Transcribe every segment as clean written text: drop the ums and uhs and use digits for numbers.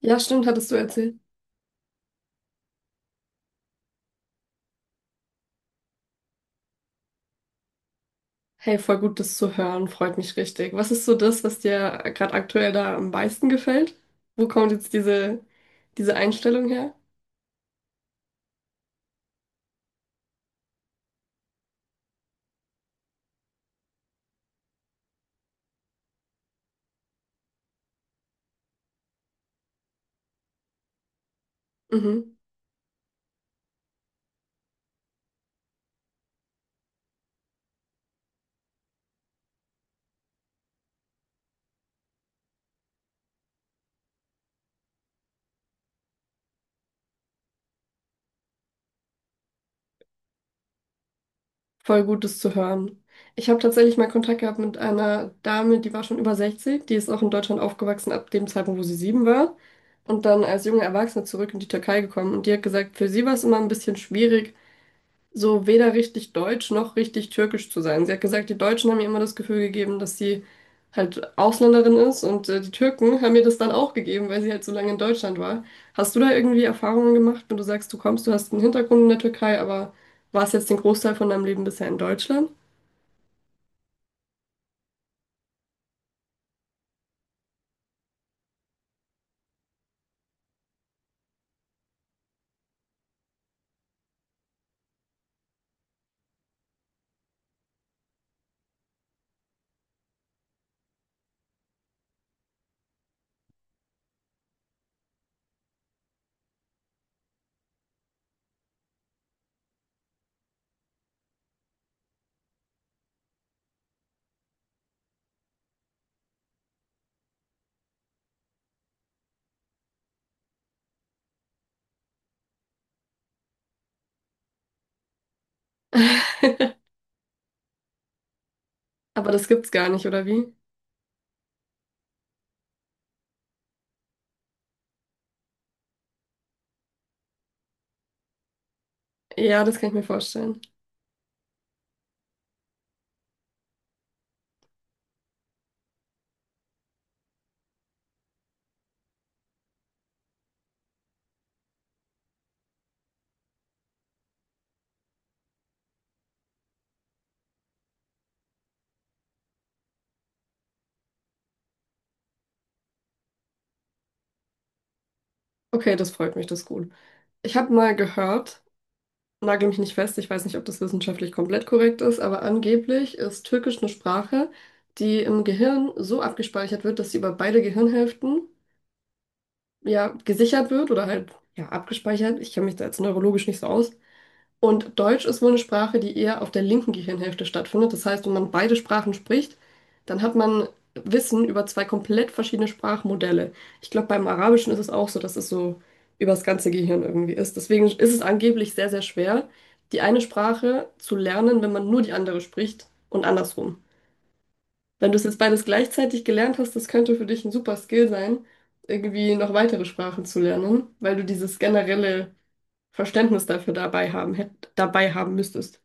Ja, stimmt, hattest du erzählt. Hey, voll gut, das zu hören, freut mich richtig. Was ist so das, was dir gerade aktuell da am meisten gefällt? Wo kommt jetzt diese Einstellung her? Mhm, voll gut, das zu hören. Ich habe tatsächlich mal Kontakt gehabt mit einer Dame, die war schon über 60, die ist auch in Deutschland aufgewachsen ab dem Zeitpunkt, wo sie sieben war. Und dann als junge Erwachsene zurück in die Türkei gekommen. Und die hat gesagt, für sie war es immer ein bisschen schwierig, so weder richtig deutsch noch richtig türkisch zu sein. Sie hat gesagt, die Deutschen haben ihr immer das Gefühl gegeben, dass sie halt Ausländerin ist, und die Türken haben ihr das dann auch gegeben, weil sie halt so lange in Deutschland war. Hast du da irgendwie Erfahrungen gemacht, wenn du sagst, du kommst, du hast einen Hintergrund in der Türkei, aber warst jetzt den Großteil von deinem Leben bisher in Deutschland? Aber das gibt's gar nicht, oder wie? Ja, das kann ich mir vorstellen. Okay, das freut mich, das ist gut. Ich habe mal gehört, nagel mich nicht fest, ich weiß nicht, ob das wissenschaftlich komplett korrekt ist, aber angeblich ist Türkisch eine Sprache, die im Gehirn so abgespeichert wird, dass sie über beide Gehirnhälften ja gesichert wird oder halt ja abgespeichert. Ich kenne mich da jetzt neurologisch nicht so aus, und Deutsch ist wohl eine Sprache, die eher auf der linken Gehirnhälfte stattfindet. Das heißt, wenn man beide Sprachen spricht, dann hat man Wissen über zwei komplett verschiedene Sprachmodelle. Ich glaube, beim Arabischen ist es auch so, dass es so über das ganze Gehirn irgendwie ist. Deswegen ist es angeblich sehr, sehr schwer, die eine Sprache zu lernen, wenn man nur die andere spricht und andersrum. Wenn du es jetzt beides gleichzeitig gelernt hast, das könnte für dich ein super Skill sein, irgendwie noch weitere Sprachen zu lernen, weil du dieses generelle Verständnis dafür dabei haben müsstest.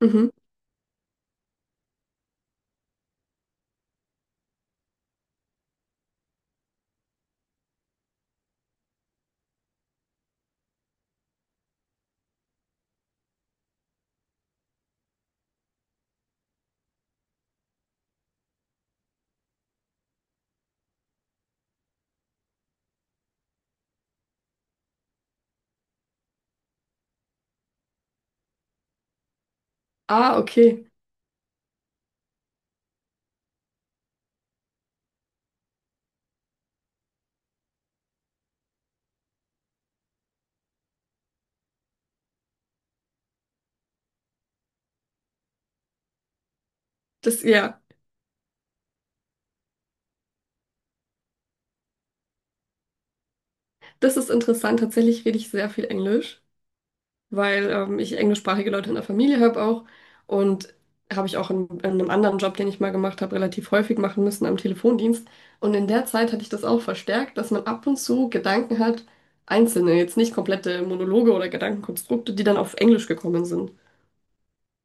Mhm. Ah, okay. Das, ja, das ist interessant. Tatsächlich rede ich sehr viel Englisch, weil ich englischsprachige Leute in der Familie habe auch. Und habe ich auch in einem anderen Job, den ich mal gemacht habe, relativ häufig machen müssen am Telefondienst. Und in der Zeit hatte ich das auch verstärkt, dass man ab und zu Gedanken hat, einzelne, jetzt nicht komplette Monologe oder Gedankenkonstrukte, die dann auf Englisch gekommen sind.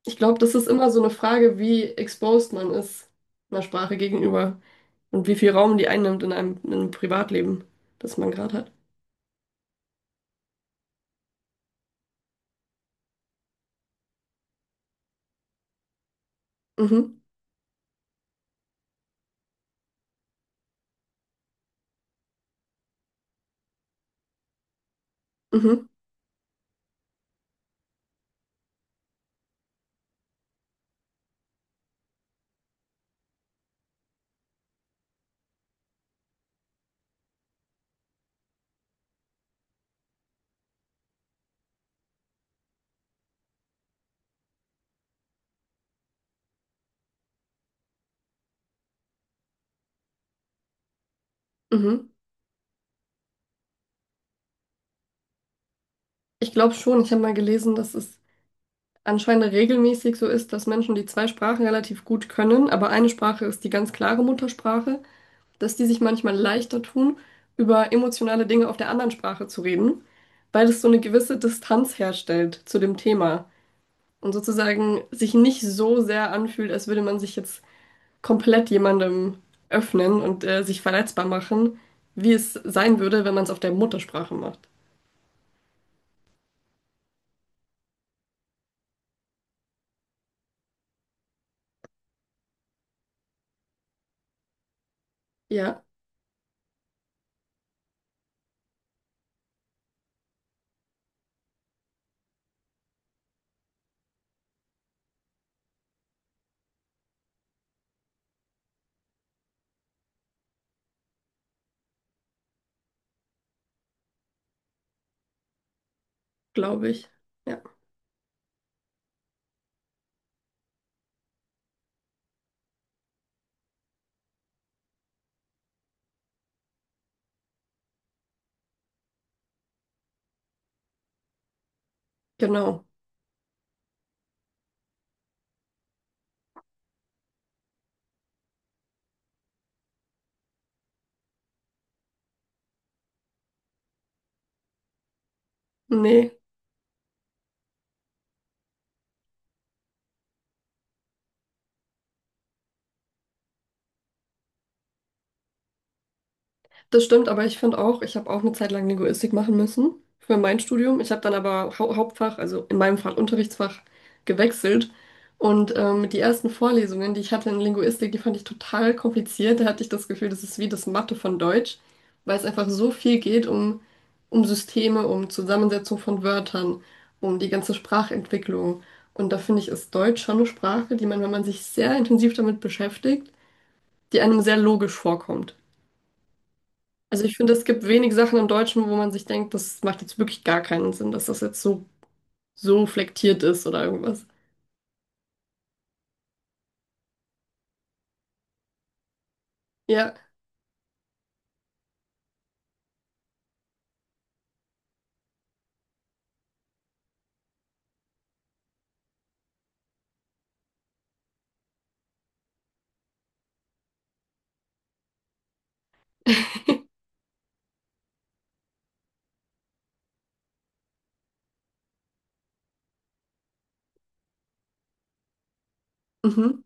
Ich glaube, das ist immer so eine Frage, wie exposed man ist einer Sprache gegenüber. Und wie viel Raum die einnimmt in einem Privatleben, das man gerade hat. Mhm, mhm, mhm. Ich glaube schon, ich habe mal gelesen, dass es anscheinend regelmäßig so ist, dass Menschen, die zwei Sprachen relativ gut können, aber eine Sprache ist die ganz klare Muttersprache, dass die sich manchmal leichter tun, über emotionale Dinge auf der anderen Sprache zu reden, weil es so eine gewisse Distanz herstellt zu dem Thema und sozusagen sich nicht so sehr anfühlt, als würde man sich jetzt komplett jemandem öffnen und sich verletzbar machen, wie es sein würde, wenn man es auf der Muttersprache macht. Ja, glaube ich. Ja, genau. Nee. Das stimmt, aber ich finde auch, ich habe auch eine Zeit lang Linguistik machen müssen für mein Studium. Ich habe dann aber Hauptfach, also in meinem Fall Unterrichtsfach, gewechselt. Und die ersten Vorlesungen, die ich hatte in Linguistik, die fand ich total kompliziert. Da hatte ich das Gefühl, das ist wie das Mathe von Deutsch, weil es einfach so viel geht um Systeme, um Zusammensetzung von Wörtern, um die ganze Sprachentwicklung. Und da finde ich, ist Deutsch schon eine Sprache, die man, wenn man sich sehr intensiv damit beschäftigt, die einem sehr logisch vorkommt. Also ich finde, es gibt wenig Sachen im Deutschen, wo man sich denkt, das macht jetzt wirklich gar keinen Sinn, dass das so flektiert ist oder irgendwas. Ja. Mhm.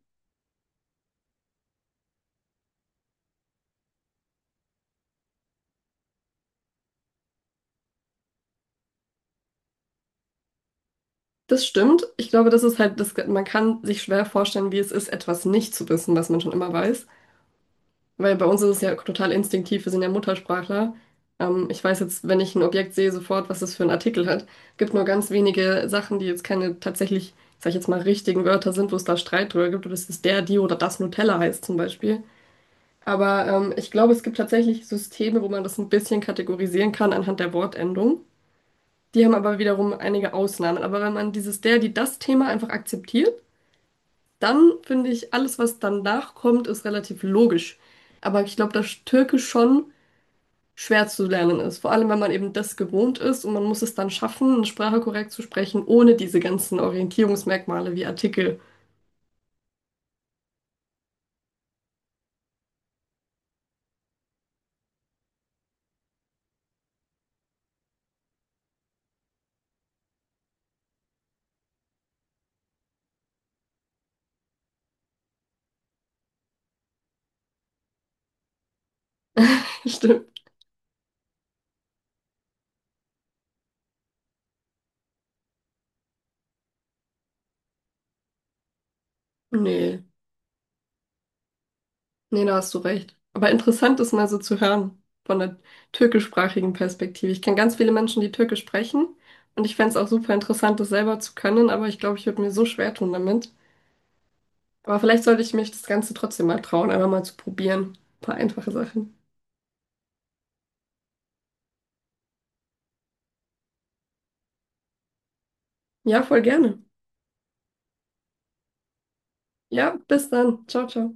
Das stimmt. Ich glaube, das ist halt, das, man kann sich schwer vorstellen, wie es ist, etwas nicht zu wissen, was man schon immer weiß. Weil bei uns ist es ja total instinktiv, wir sind ja Muttersprachler. Ich weiß jetzt, wenn ich ein Objekt sehe, sofort, was es für einen Artikel hat. Gibt nur ganz wenige Sachen, die jetzt keine tatsächlich, sag ich jetzt mal, richtigen Wörter sind, wo es da Streit drüber gibt, oder dass es der, die oder das Nutella heißt zum Beispiel. Aber ich glaube, es gibt tatsächlich Systeme, wo man das ein bisschen kategorisieren kann anhand der Wortendung. Die haben aber wiederum einige Ausnahmen. Aber wenn man dieses der, die, das Thema einfach akzeptiert, dann finde ich, alles, was danach kommt, ist relativ logisch. Aber ich glaube, dass Türkisch schon schwer zu lernen ist. Vor allem, wenn man eben das gewohnt ist und man muss es dann schaffen, eine Sprache korrekt zu sprechen, ohne diese ganzen Orientierungsmerkmale wie Artikel. Stimmt. Nee. Nee, da hast du recht. Aber interessant ist mal so zu hören von der türkischsprachigen Perspektive. Ich kenne ganz viele Menschen, die Türkisch sprechen und ich fände es auch super interessant, das selber zu können, aber ich glaube, ich würde mir so schwer tun damit. Aber vielleicht sollte ich mich das Ganze trotzdem mal trauen, einfach mal zu probieren. Ein paar einfache Sachen. Ja, voll gerne. Ja, bis dann. Ciao, ciao.